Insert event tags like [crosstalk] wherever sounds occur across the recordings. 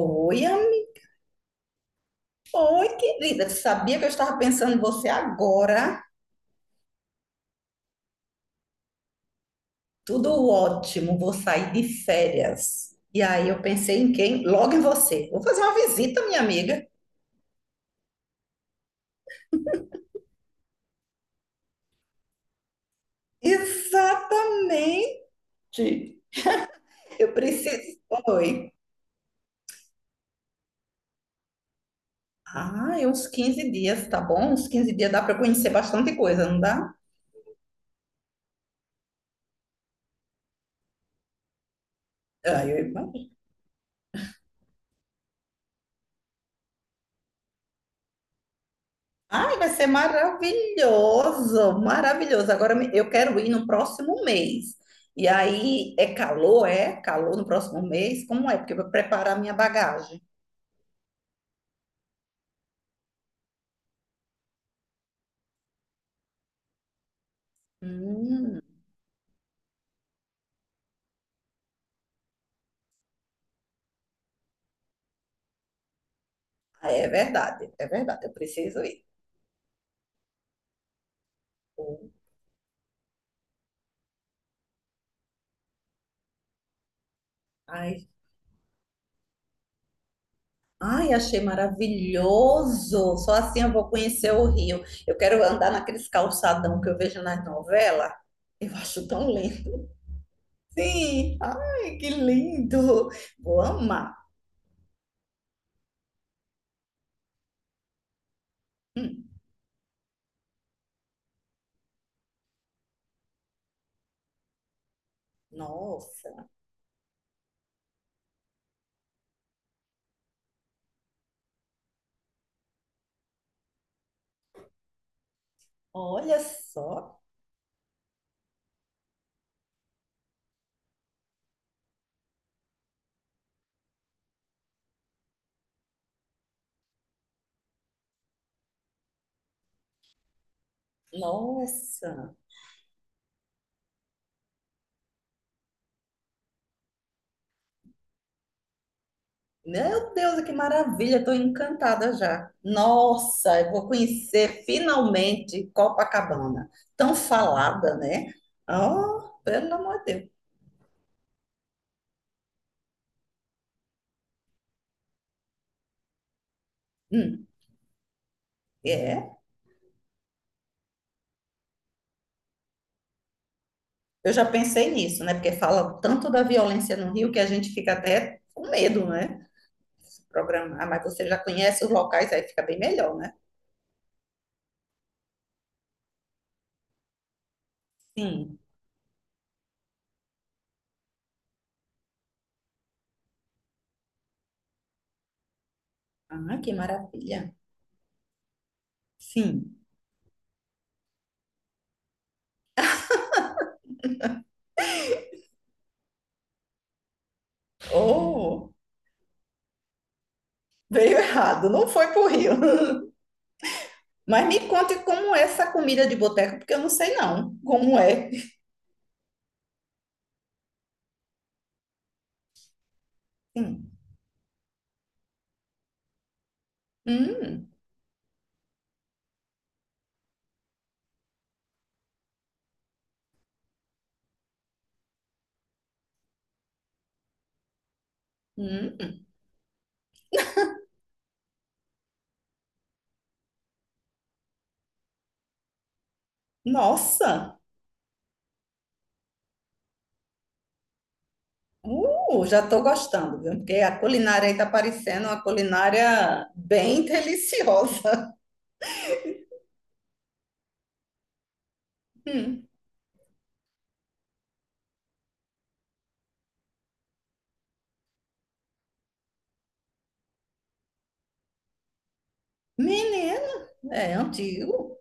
Oi, oi, querida. Sabia que eu estava pensando em você agora? Tudo ótimo, vou sair de férias. E aí eu pensei em quem? Logo em você. Vou fazer uma visita, minha amiga. Exatamente. Eu preciso. Oi. Ah, é uns 15 dias, tá bom? Uns quinze dias dá para conhecer bastante coisa, não dá? Ah, eu Ai, vai ser maravilhoso, maravilhoso. Agora eu quero ir no próximo mês. E aí é? Calor no próximo mês? Como é? Porque eu vou preparar minha bagagem. Hum, é verdade, é verdade. Eu preciso ir. Ai, ai, achei maravilhoso. Só assim eu vou conhecer o Rio. Eu quero andar naqueles calçadão que eu vejo nas novelas. Eu acho tão lindo. Sim, ai, que lindo. Vou amar. Hum, nossa. Olha só. Nossa. Meu Deus, que maravilha. Estou encantada já. Nossa, eu vou conhecer finalmente Copacabana. Tão falada, né? Oh, pelo amor de Deus. Hum, é. Eu já pensei nisso, né? Porque fala tanto da violência no Rio que a gente fica até com medo, né? Se programar. Mas você já conhece os locais, aí fica bem melhor, né? Sim. Ah, que maravilha. Sim. Oh, veio errado. Não foi pro Rio. Mas me conte como é essa comida de boteco, porque eu não sei não como é. Hum, hum, hum, nossa, já estou gostando, viu? Porque a culinária aí está parecendo uma culinária bem deliciosa. Hum. Menina, é antigo?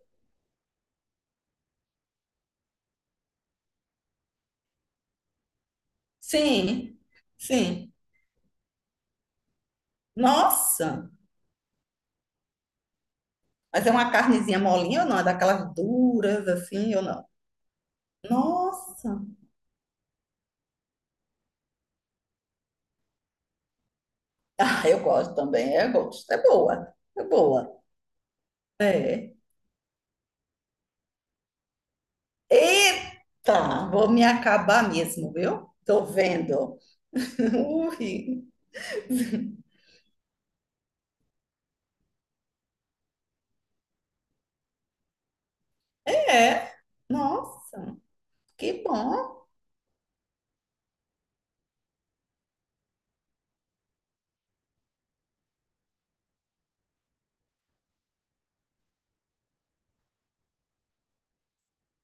Sim, sim. Nossa, mas é uma carnezinha molinha ou não? É daquelas duras assim ou não? Nossa, ah, eu gosto também, eu gosto. É boa, é boa. É. Eita, vou me acabar mesmo, viu? Tô vendo. [laughs] Ui. É, nossa, que bom.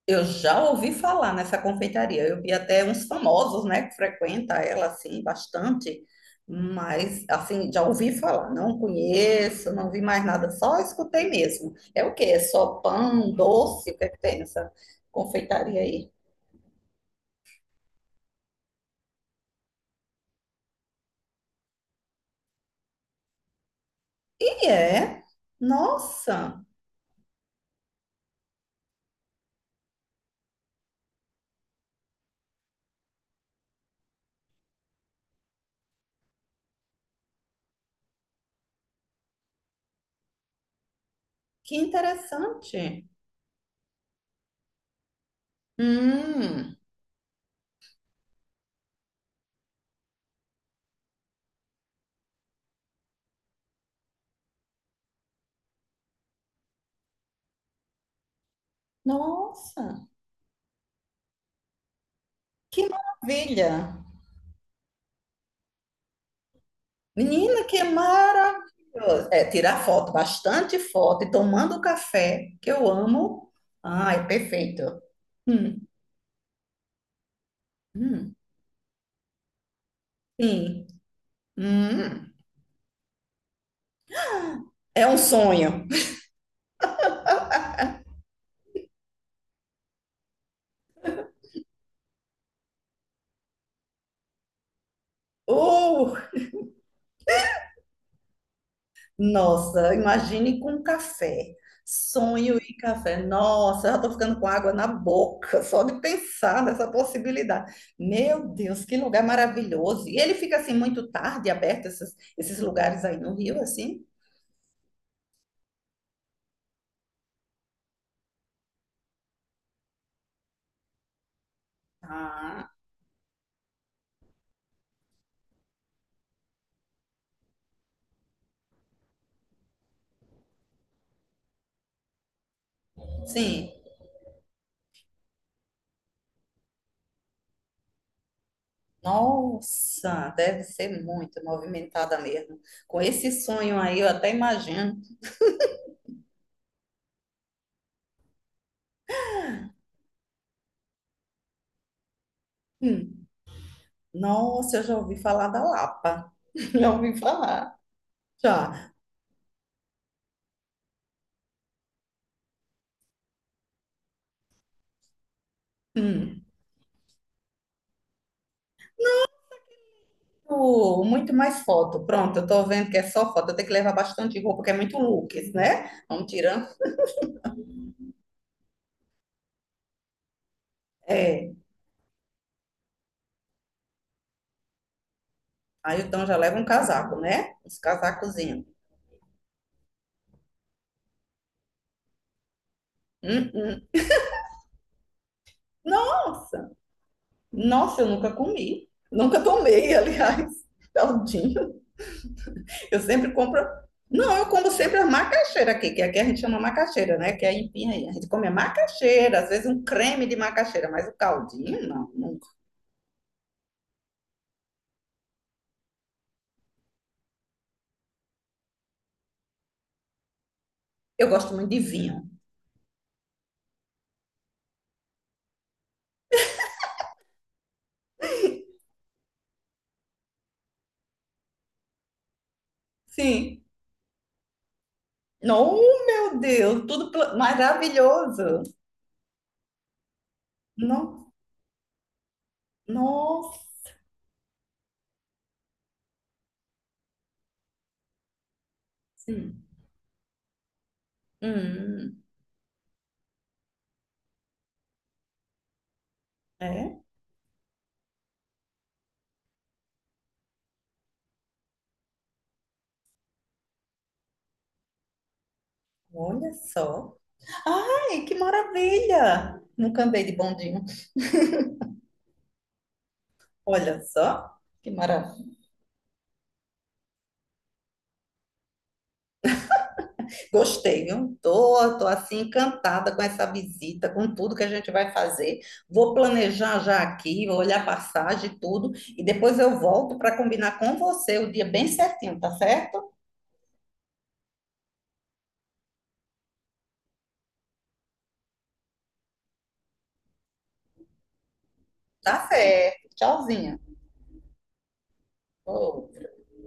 Eu já ouvi falar nessa confeitaria. Eu vi até uns famosos, né, que frequenta ela assim bastante, mas assim, já ouvi falar, não conheço, não vi mais nada, só escutei mesmo. É o quê? É só pão, doce, o que é que tem nessa confeitaria aí? E é? Nossa, que interessante. Hum, nossa, que maravilha! Menina, que maravilhoso! É, tirar foto, bastante foto e tomando café, que eu amo. Ah, é perfeito. Hum, hum, sim. Hum, é um sonho. Uh! Nossa, imagine com café. Sonho e café. Nossa, já estou ficando com água na boca só de pensar nessa possibilidade. Meu Deus, que lugar maravilhoso. E ele fica assim muito tarde, aberto esses lugares aí no Rio, assim? Ah, sim. Nossa, deve ser muito movimentada mesmo. Com esse sonho aí, eu até imagino. Hum, nossa, eu já ouvi falar da Lapa. [laughs] Já ouvi falar. Já. Hum. Muito muito mais foto. Pronto, eu tô vendo que é só foto. Eu tenho que levar bastante roupa, porque é muito looks, né? Vamos tirando. É. Aí então já leva um casaco, né? Uns casacozinhos. Hum, hum. Nossa! Nossa, eu nunca comi. Nunca tomei, aliás. [laughs] Taldinho. Eu sempre compro. Não, eu como sempre a macaxeira aqui, que aqui a gente chama macaxeira, né? Que é a empinha aí. A gente come a macaxeira, às vezes um creme de macaxeira, mas o caldinho, não, nunca. Eu gosto muito de vinho. Sim. Não, meu Deus, maravilhoso. No, nossa. Hum, é, olha só. Ai, que maravilha! Nunca andei de bondinho. Olha só, que maravilha. Gostei, viu? Tô assim encantada com essa visita, com tudo que a gente vai fazer. Vou planejar já aqui, vou olhar passagem e tudo, e depois eu volto para combinar com você o dia bem certinho, tá certo? Tá certo. Tchauzinha. Ô.